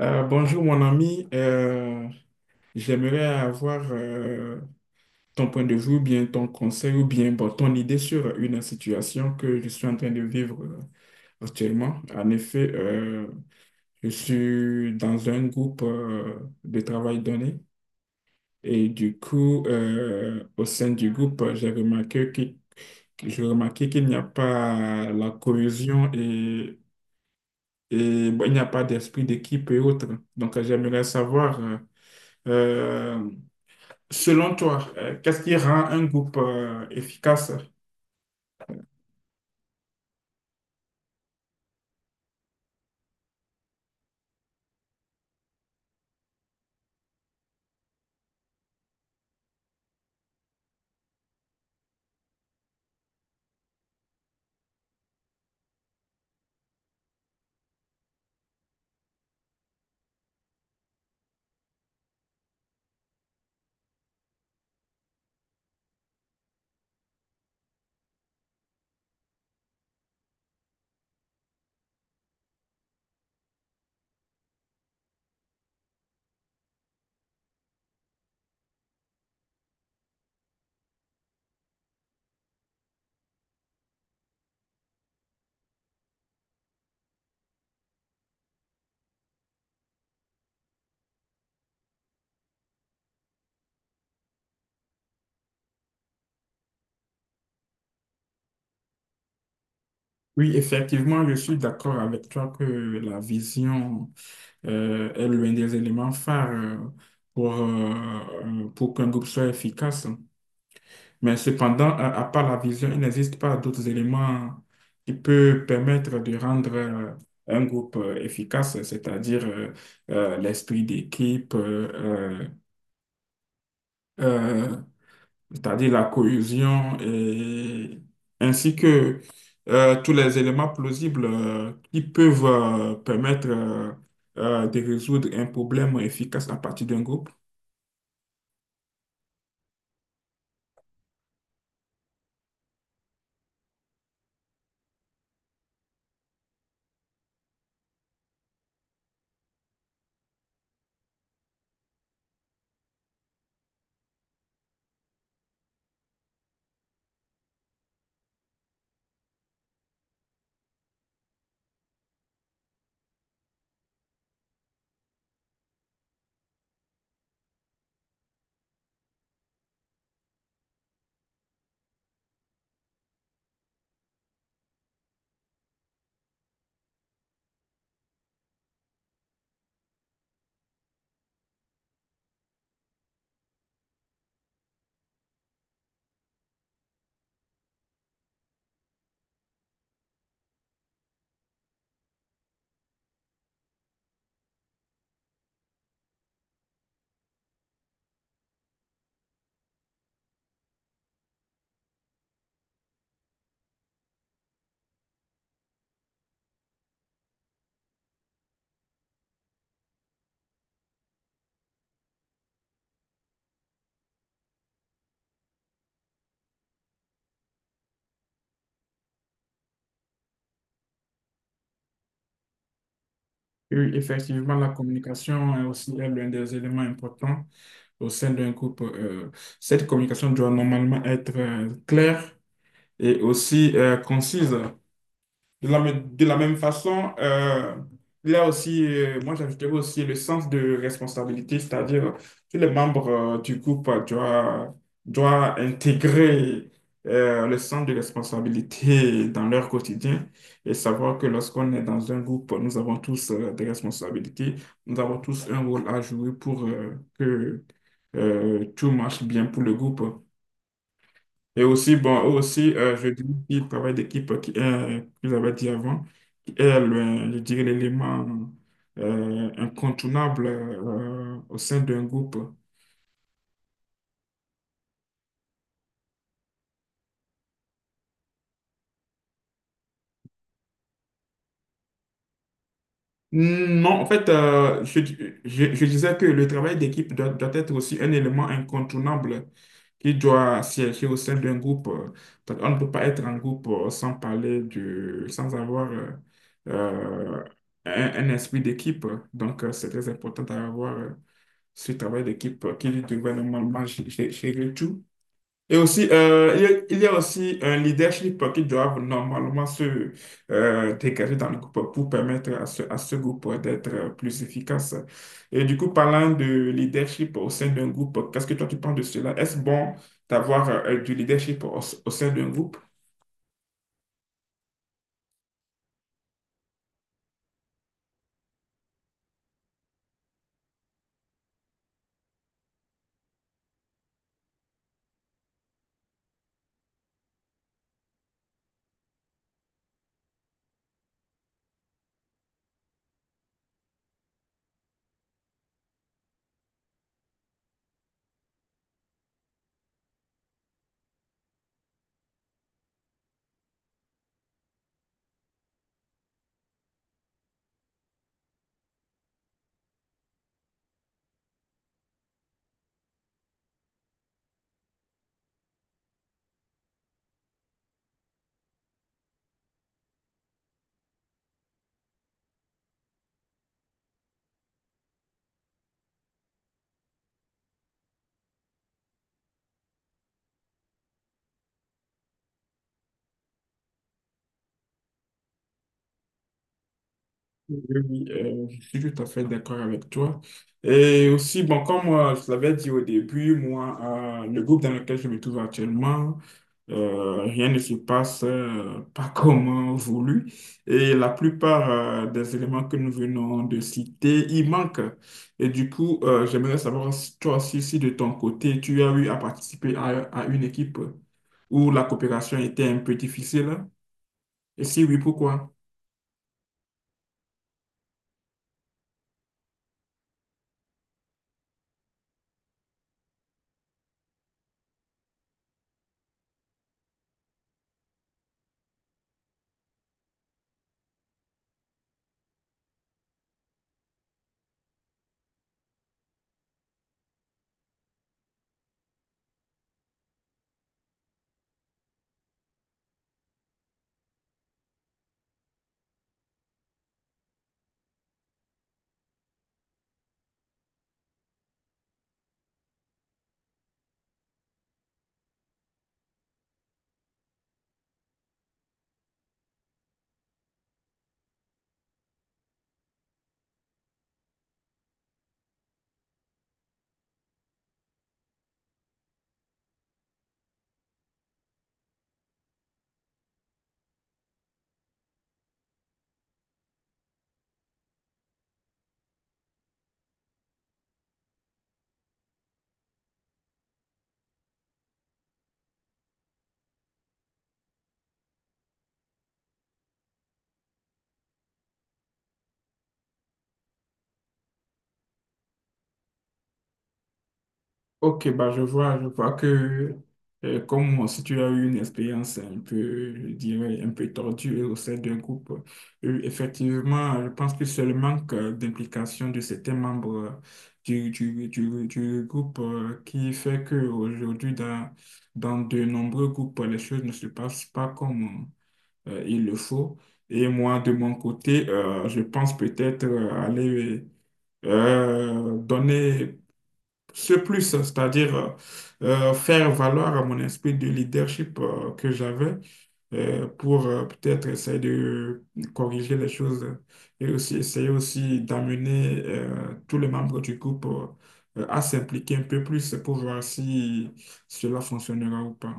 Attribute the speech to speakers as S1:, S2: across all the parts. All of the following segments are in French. S1: Bonjour mon ami. J'aimerais avoir ton point de vue ou bien ton conseil ou bien bon, ton idée sur une situation que je suis en train de vivre actuellement. En effet, je suis dans un groupe de travail donné. Et du coup, au sein du groupe, j'ai remarqué qu'il n'y a pas la cohésion, et bon, il n'y a pas d'esprit d'équipe et autres. Donc, j'aimerais savoir Euh, selon toi, qu'est-ce qui rend un groupe efficace? Oui, effectivement, je suis d'accord avec toi que la vision est l'un des éléments phares pour qu'un groupe soit efficace. Mais cependant, à part la vision, il n'existe pas d'autres éléments qui peuvent permettre de rendre un groupe efficace, c'est-à-dire l'esprit d'équipe, euh, euh, c'est-à-dire la cohésion, et ainsi que tous les éléments plausibles qui peuvent permettre de résoudre un problème efficace à partir d'un groupe. Oui, effectivement, la communication est aussi l'un des éléments importants au sein d'un groupe. Cette communication doit normalement être claire et aussi concise. De la de la même façon, il y a aussi, moi j'ajouterais aussi le sens de responsabilité, c'est-à-dire tous les membres du groupe doivent intégrer le sens de responsabilité dans leur quotidien, et savoir que lorsqu'on est dans un groupe, nous avons tous des responsabilités, nous avons tous un rôle à jouer pour que tout marche bien pour le groupe. Et aussi, bon, eux aussi, je dirais qu'il travail d'équipe que j'avais dit avant, qui est, je dirais, l'élément incontournable au sein d'un groupe. Non, en fait, je disais que le travail d'équipe doit être aussi un élément incontournable qui doit siéger au sein d'un groupe. Parce qu'on ne peut pas être en groupe sans parler sans avoir euh, un esprit d'équipe. Donc, c'est très important d'avoir ce travail d'équipe qui devrait normalement gérer tout. Et aussi, il y a aussi un leadership qui doit normalement se dégager dans le groupe pour permettre à à ce groupe d'être plus efficace. Et du coup, parlant de leadership au sein d'un groupe, qu'est-ce que toi tu penses de cela? Est-ce bon d'avoir du leadership au sein d'un groupe? Oui, oui, je suis tout à fait d'accord avec toi. Et aussi, bon, comme je l'avais dit au début, moi, le groupe dans lequel je me trouve actuellement, rien ne se passe pas comme voulu. Et la plupart des éléments que nous venons de citer, ils manquent. Et du coup, j'aimerais savoir, si toi aussi, si de ton côté, tu as eu à participer à une équipe où la coopération était un peu difficile. Et si oui, pourquoi? Ok, bah, je vois que comme si tu as eu une expérience un peu, je dirais, un peu tordue au sein d'un groupe. Euh, effectivement, je pense que c'est le manque d'implication de certains membres du groupe qui fait qu'aujourd'hui, dans de nombreux groupes, les choses ne se passent pas comme il le faut. Et moi, de mon côté, je pense peut-être aller donner ce plus, c'est-à-dire faire valoir à mon esprit de leadership que j'avais pour peut-être essayer de corriger les choses, et aussi essayer aussi d'amener tous les membres du groupe à s'impliquer un peu plus pour voir si cela fonctionnera ou pas.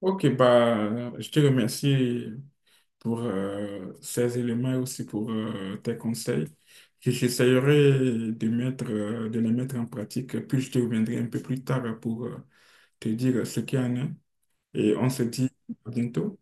S1: Ok, bah, je te remercie pour ces éléments et aussi pour tes conseils. Que j'essayerai de de les mettre en pratique, puis je te reviendrai un peu plus tard pour te dire ce qu'il y en a. Et on se dit à bientôt.